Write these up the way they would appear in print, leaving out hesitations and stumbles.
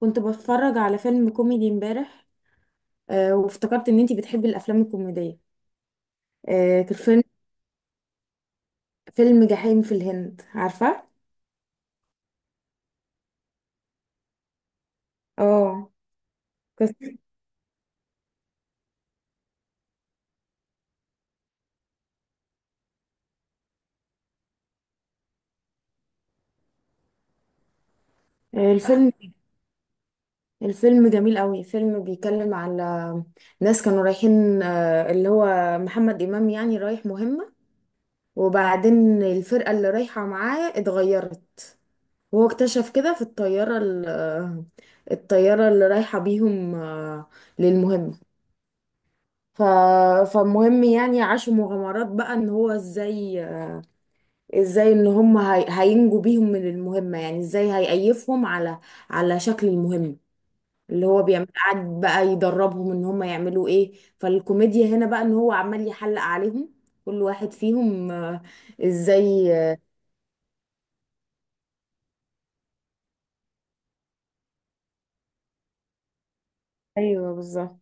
كنت بتفرج على فيلم كوميدي امبارح وافتكرت ان انتي بتحبي الافلام الكوميديه. كان فيلم فيلم جحيم في الهند، عارفه؟ اه، كان- الفيلم، الفيلم جميل قوي. فيلم بيتكلم على ناس كانوا رايحين، اللي هو محمد امام، يعني رايح مهمه. وبعدين الفرقه اللي رايحه معاه اتغيرت، وهو اكتشف كده في الطياره الطياره اللي رايحه بيهم، للمهمه. ف... فمهم، يعني عاشوا مغامرات بقى ان هو ازاي، ازاي ان هم هينجوا بيهم من المهمة، يعني ازاي هيأيفهم على على شكل المهمة. اللي هو بيعمل، قعد بقى يدربهم ان هم يعملوا ايه. فالكوميديا هنا بقى ان هو عمال يحلق عليهم، كل واحد فيهم، ازاي. ايوه بالظبط.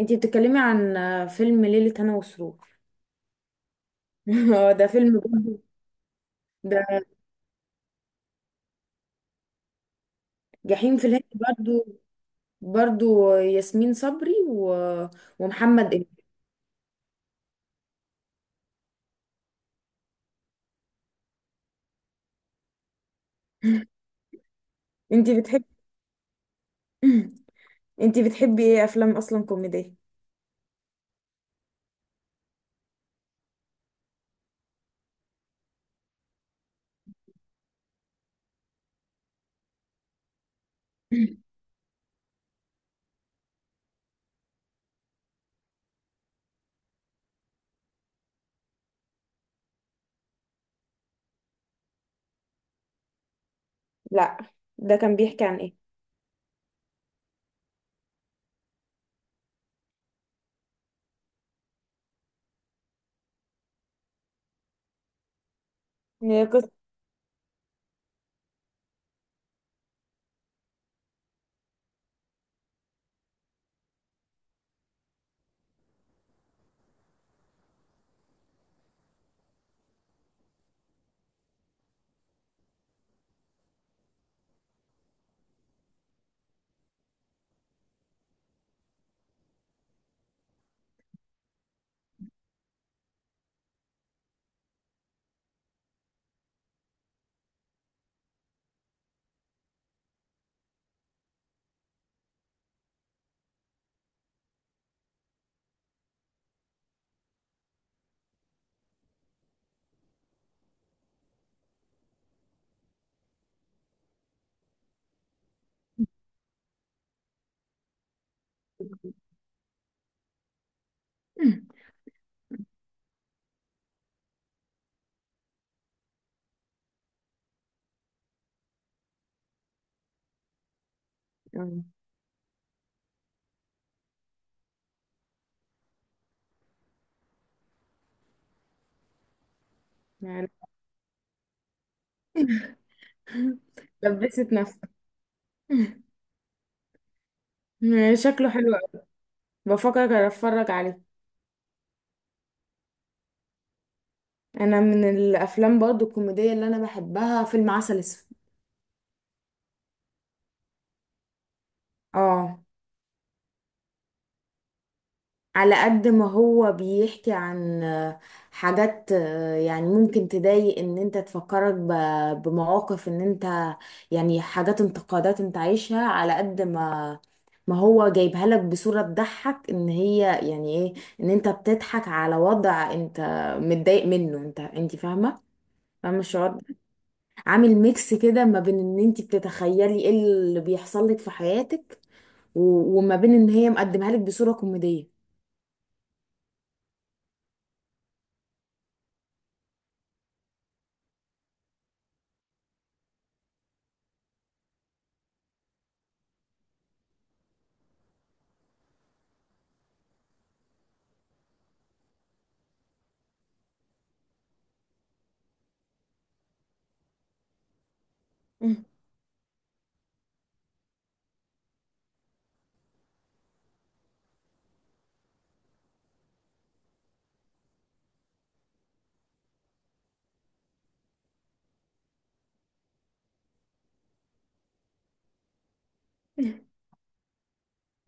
انتي بتتكلمي عن فيلم ليلة هنا وسرور؟ هو ده فيلم برضه. ده جحيم في الهند برضه، برضه ياسمين صبري و... ومحمد. انتي بتحبي انتي بتحبي ايه افلام اصلا كوميدية؟ لا، ده كان بيحكي عن ايه؟ هي قصة. آه، يعني لبست نفسك. شكله حلو قوي، بفكر اتفرج عليه. انا من الافلام برضو الكوميدية اللي انا بحبها فيلم عسل اسود. اه. على قد ما هو بيحكي عن حاجات، يعني ممكن تضايق ان انت، تفكرك بمواقف ان انت، يعني حاجات انتقادات انت عايشها. على قد ما ما هو جايبها لك بصورة تضحك، ان هي يعني ايه، ان انت بتضحك على وضع انت متضايق منه. انت انت فاهمة؟ فاهمة الشعور ده؟ عامل ميكس كده ما بين ان انت بتتخيلي ايه اللي بيحصل لك في حياتك، و- وما بين ان هي مقدمها لك بصورة كوميدية. مم.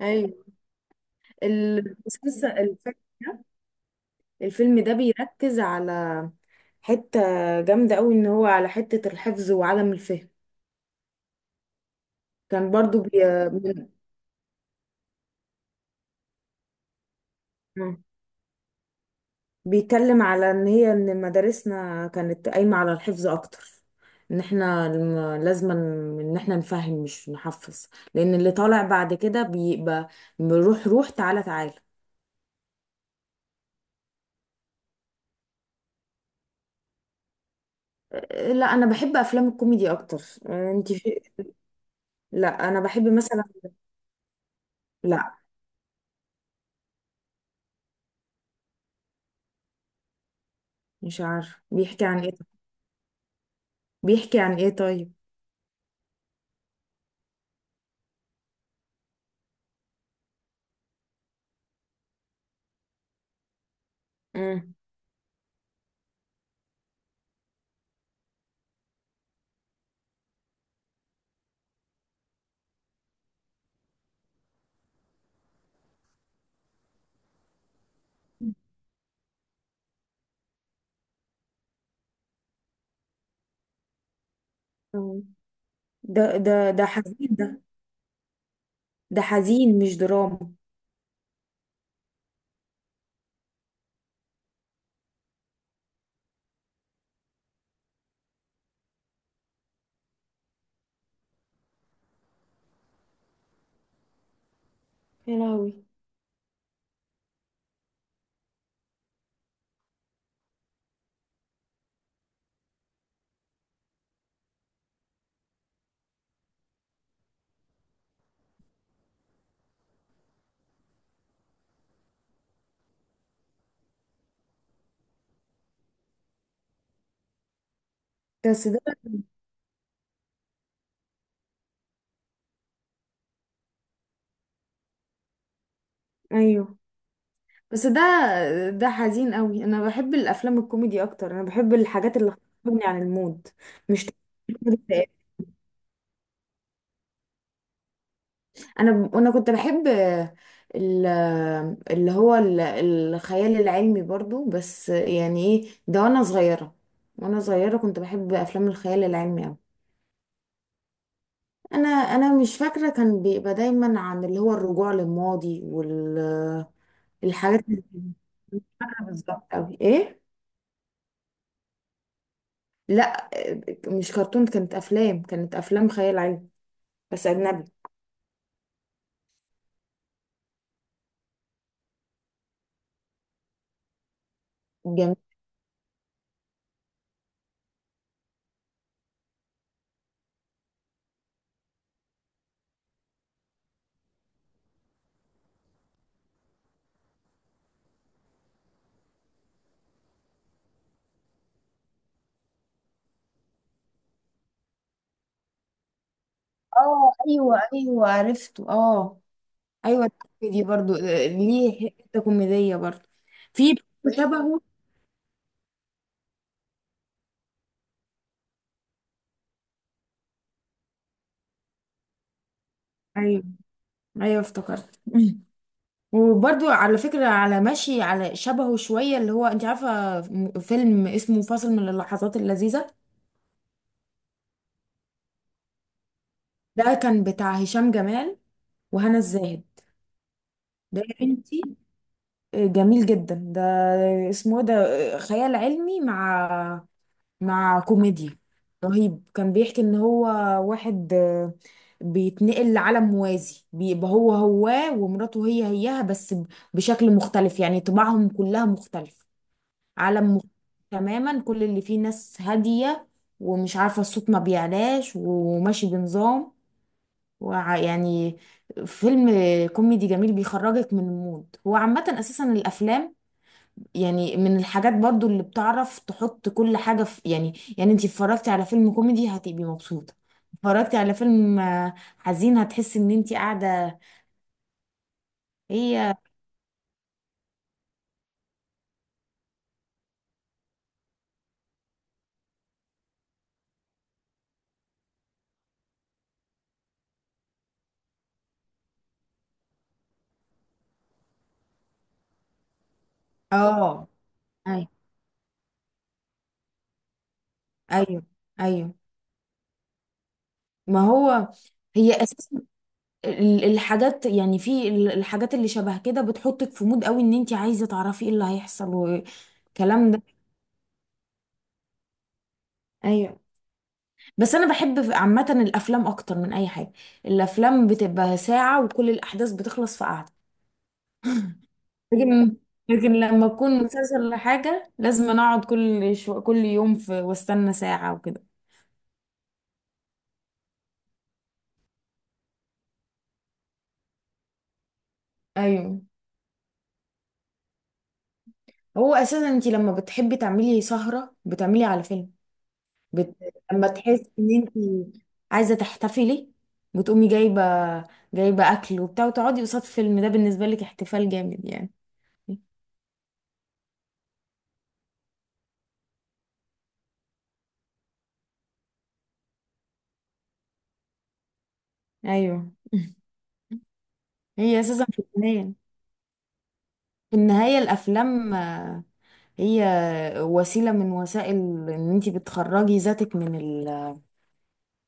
ايوه. الفيلم ده، الفيلم ده بيركز على حتة جامدة قوي، ان هو على حتة الحفظ وعدم الفهم. كان برضو من... بيتكلم على ان هي، ان مدارسنا كانت قايمة على الحفظ اكتر، ان احنا لازم ان احنا نفهم مش نحفظ. لان اللي طالع بعد كده بيبقى بيروح، روح تعالى تعالى. أه، لا، انا بحب افلام الكوميدي اكتر. أه، لا انا بحب مثلا. لا مش عارفه بيحكي عن ايه، بيحكي عن ايه طيب؟ امم. أوه. ده ده حزين ده. ده حزين، مش دراما. يا لهوي. بس ده، ايوه بس ده، ده حزين قوي. انا بحب الافلام الكوميدي اكتر، انا بحب الحاجات اللي بتغني عن المود. مش تكون- انا كنت بحب ال- الخيال العلمي برضو، بس يعني ايه ده وانا صغيرة. وانا صغيرة كنت بحب افلام الخيال العلمي. انا مش فاكره، كان بيبقى دايما عن اللي هو الرجوع للماضي والحاجات. مش فاكره بالظبط قوي ايه. لا، مش كرتون، كانت افلام، كانت افلام خيال علمي بس اجنبي. جميل. اه ايوه ايوه، عرفته، اه. ايوه، دي برضو، ليه حته كوميديه برضو. في شبهه. ايوه ايوه، افتكرت. وبرضو على فكرة على ماشي، على شبهه شوية اللي هو، انت عارفة فيلم اسمه فاصل من اللحظات اللذيذة؟ ده كان بتاع هشام جمال وهنا الزاهد. ده يا بنتي، جميل جدا ده. اسمه إيه ده، خيال علمي مع مع كوميديا. رهيب. كان بيحكي ان هو واحد، بيتنقل لعالم موازي، بيبقى هو هو ومراته هي هيها، بس بشكل مختلف، يعني طباعهم كلها مختلف. عالم مختلف تماما، كل اللي فيه ناس هادية، ومش عارفة الصوت ما بيعلاش، وماشي بنظام. يعني، فيلم كوميدي جميل، بيخرجك من المود. هو عامة أساسا الأفلام، يعني من الحاجات برضو اللي بتعرف تحط كل حاجة في، يعني يعني انتي اتفرجتي على فيلم كوميدي هتبقي مبسوطة، اتفرجتي على فيلم حزين هتحسي ان انتي قاعدة. هي. اه ايوه ايوه ايوه. ما هو، هي أساسا الحاجات، يعني في الحاجات اللي شبه كده بتحطك في مود قوي، ان انت عايزه تعرفي ايه اللي هيحصل والكلام ده. ايوه. بس انا بحب عامه الافلام اكتر من اي حاجه. الافلام بتبقى ساعه وكل الاحداث بتخلص في قعده. لكن لكن لما اكون مسلسل ولا حاجه، لازم أنا اقعد كل كل يوم في... واستنى ساعه وكده. ايوه. هو اساسا انت لما بتحبي تعملي سهره بتعملي على فيلم. بت... لما تحسي ان انت عايزه تحتفلي بتقومي جايبه، جايبه اكل وبتاع، وتقعدي قصاد فيلم، ده بالنسبه لك احتفال جامد يعني. ايوه هي اساسا في النهايه، في النهايه الافلام، هي وسيله من وسائل ان انت بتخرجي ذاتك من ال...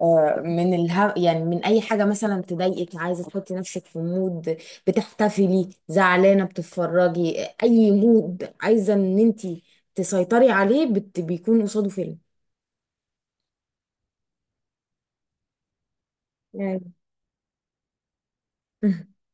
آه، من الها، يعني من اي حاجه مثلا تضايقك، عايزه تحطي نفسك في مود، بتحتفلي، زعلانه بتتفرجي، اي مود عايزه ان انت تسيطري عليه بت... بيكون قصاده فيلم، يعني.